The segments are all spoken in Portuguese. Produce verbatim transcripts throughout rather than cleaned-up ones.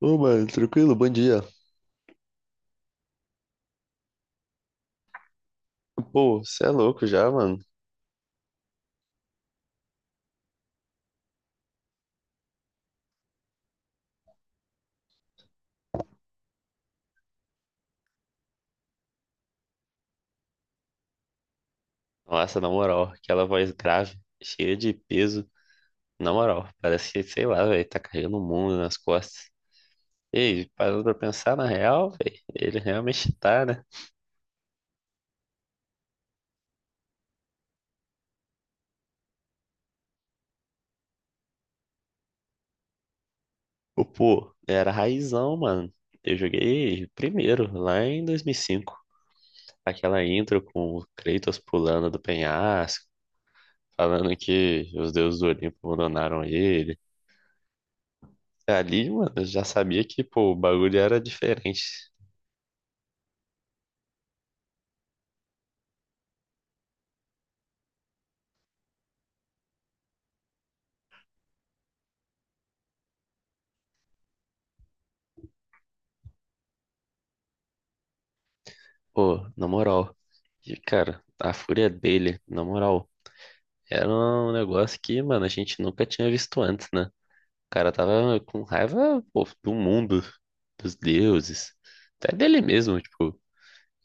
Ô, mano, tranquilo? Bom dia. Pô, você é louco já, mano? Nossa, na moral, aquela voz grave, cheia de peso. Na moral, parece que, sei lá, velho, tá carregando o mundo nas costas. Ei, parando pra pensar, na real, velho, ele realmente tá, né? Ô, pô, era raizão, mano. Eu joguei primeiro, lá em dois mil e cinco. Aquela intro com o Kratos pulando do penhasco, falando que os deuses do Olimpo abandonaram ele. Ali, mano, eu já sabia que, pô, o bagulho era diferente. Pô, na moral. E, cara, a fúria dele, na moral, era um negócio que, mano, a gente nunca tinha visto antes, né? O cara tava com raiva, pô, do mundo, dos deuses, até dele mesmo, tipo,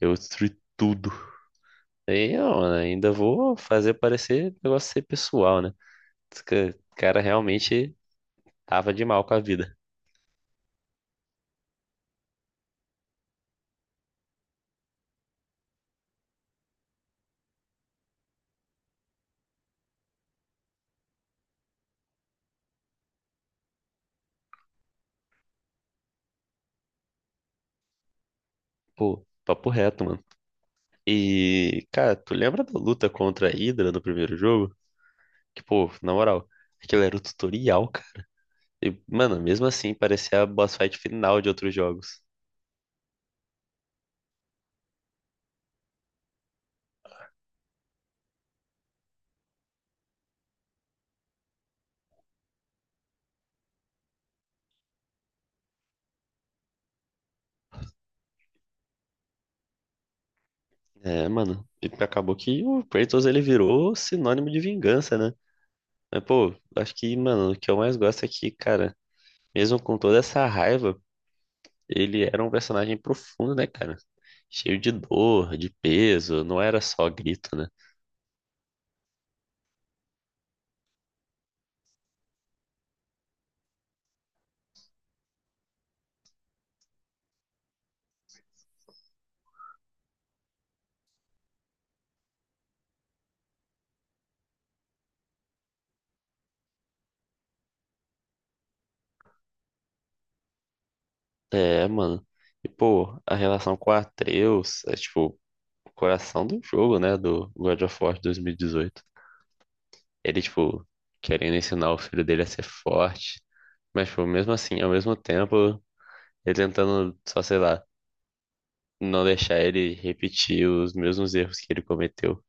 eu destruí tudo. Aí, ó, mano, ainda vou fazer parecer negócio ser pessoal, né? Esse ca- cara realmente tava de mal com a vida. Pô, papo reto, mano. E, cara, tu lembra da luta contra a Hydra no primeiro jogo? Que, pô, na moral, aquilo era o tutorial, e, mano, mesmo assim, parecia a boss fight final de outros jogos. É, mano, e acabou que o Kratos ele virou sinônimo de vingança, né? Mas, pô, acho que, mano, o que eu mais gosto é que, cara, mesmo com toda essa raiva, ele era um personagem profundo, né, cara? Cheio de dor, de peso, não era só grito, né? É, mano. E, pô, a relação com o Atreus é, tipo, o coração do jogo, né, do God of War dois mil e dezoito. Ele, tipo, querendo ensinar o filho dele a ser forte. Mas, tipo, mesmo assim, ao mesmo tempo, ele tentando, só sei lá, não deixar ele repetir os mesmos erros que ele cometeu.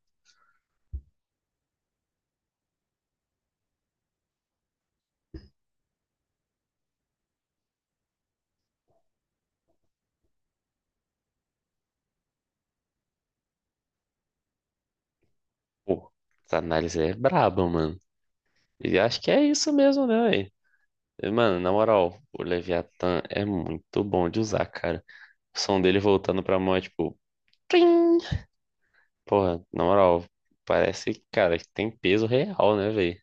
Pô, essa análise é braba, mano. E acho que é isso mesmo, né, véi? Mano, na moral, o Leviathan é muito bom de usar, cara. O som dele voltando pra mão é tipo. Trim! Porra, na moral, parece, cara, que tem peso real, né, velho?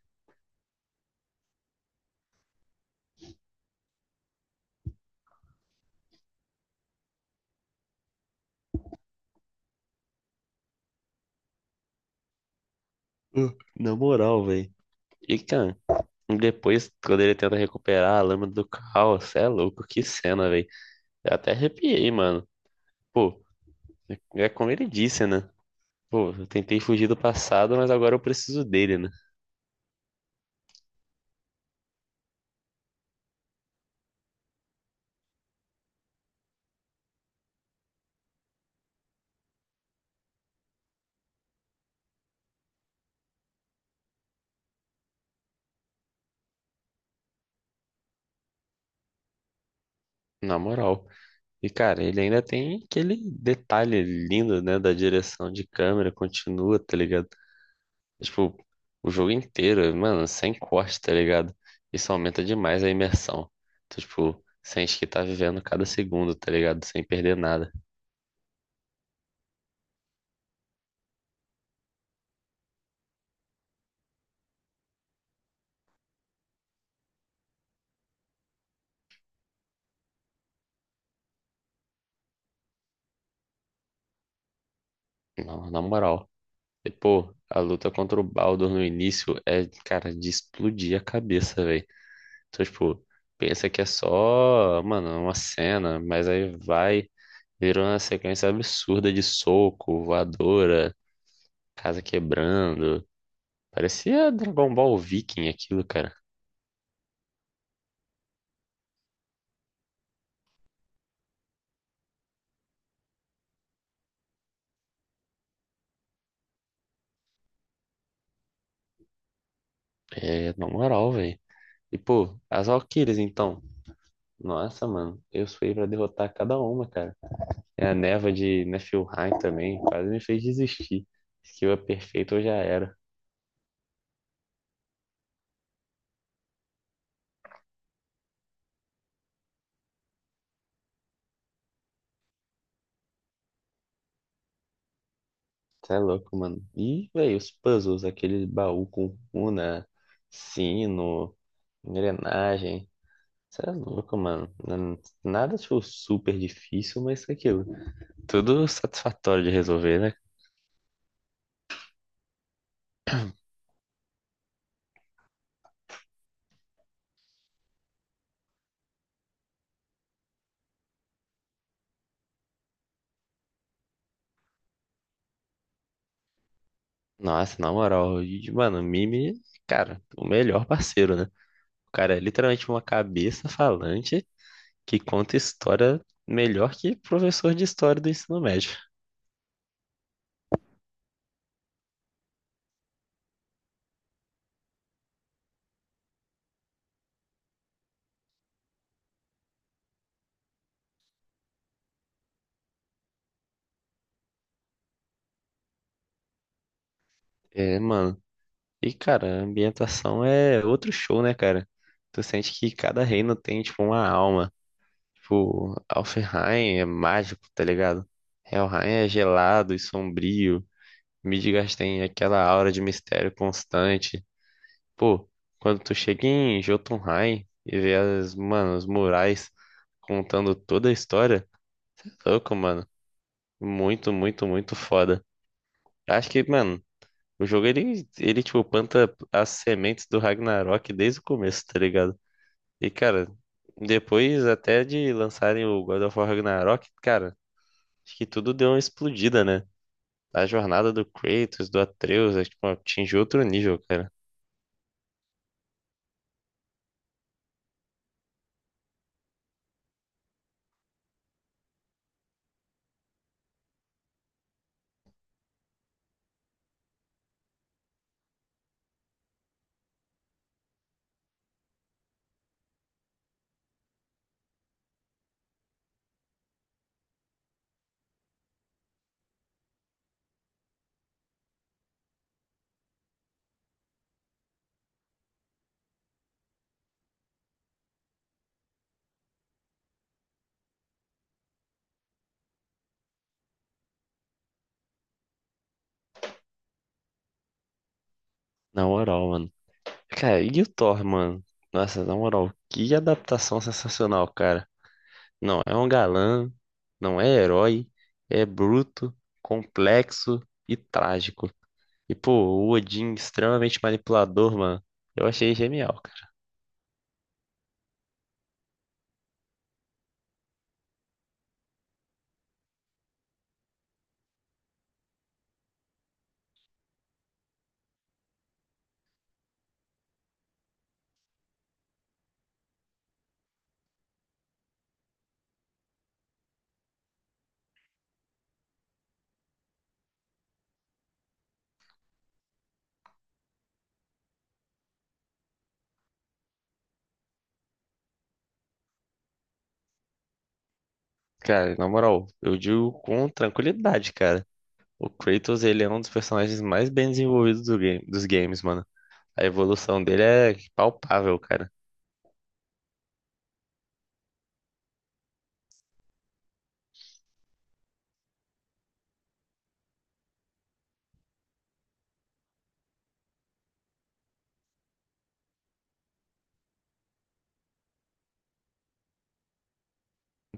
Na moral, velho. E, cara, depois, quando ele tenta recuperar a lâmina do caos, cê é louco, que cena, velho. Eu até arrepiei, mano. Pô, é como ele disse, né? Pô, eu tentei fugir do passado, mas agora eu preciso dele, né? Na moral. E, cara, ele ainda tem aquele detalhe lindo, né, da direção de câmera, continua, tá ligado? Tipo, o jogo inteiro, mano, sem corte, tá ligado? Isso aumenta demais a imersão. Tu, tipo, sente que tá vivendo cada segundo, tá ligado? Sem perder nada. Não, na moral. E, pô, a luta contra o Baldur no início é, cara, de explodir a cabeça, velho. Tu, tipo, pensa que é só, mano, uma cena, mas aí vai. Virou uma sequência absurda de soco, voadora, casa quebrando. Parecia Dragon Ball Viking aquilo, cara. É, na moral, velho. E, pô, as Valkyries, então. Nossa, mano. Eu fui pra derrotar cada uma, cara. É a neva de Niflheim também. Quase me fez desistir. Skill é perfeito, eu já era. Tá louco, mano. E, velho, os puzzles. Aquele baú com runa, sino, engrenagem. Você é louco, mano. Não- Nada tipo, super difícil, mas isso é tudo satisfatório de resolver, né? Nossa, na moral, e, mano, o Mimi, cara, o melhor parceiro, né? O cara é literalmente uma cabeça falante que conta história melhor que professor de história do ensino médio. É, mano. E, cara, a ambientação é outro show, né, cara? Tu sente que cada reino tem, tipo, uma alma. Tipo, Alfheim é mágico, tá ligado? Helheim é gelado e sombrio. Midgard tem aquela aura de mistério constante. Pô, quando tu chega em Jotunheim e vê as, mano, os murais contando toda a história, cê é louco, mano. Muito, muito, muito foda. Acho que, mano, o jogo ele, ele tipo planta as sementes do Ragnarok desde o começo, tá ligado? E, cara, depois até de lançarem o God of War Ragnarok, cara, acho que tudo deu uma explodida, né? A jornada do Kratos, do Atreus, é, tipo, atingiu outro nível, cara. Na moral, mano. Cara, e o Thor, mano? Nossa, na moral, que adaptação sensacional, cara. Não é um galã, não é herói, é bruto, complexo e trágico. E, pô, o Odin extremamente manipulador, mano. Eu achei genial, cara. Cara, na moral, eu digo com tranquilidade, cara. O Kratos, ele é um dos personagens mais bem desenvolvidos do game, dos games, mano. A evolução dele é palpável, cara.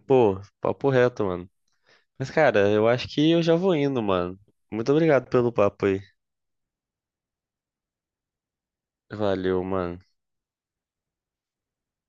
Pô, papo reto, mano. Mas, cara, eu acho que eu já vou indo, mano. Muito obrigado pelo papo aí. Valeu, mano.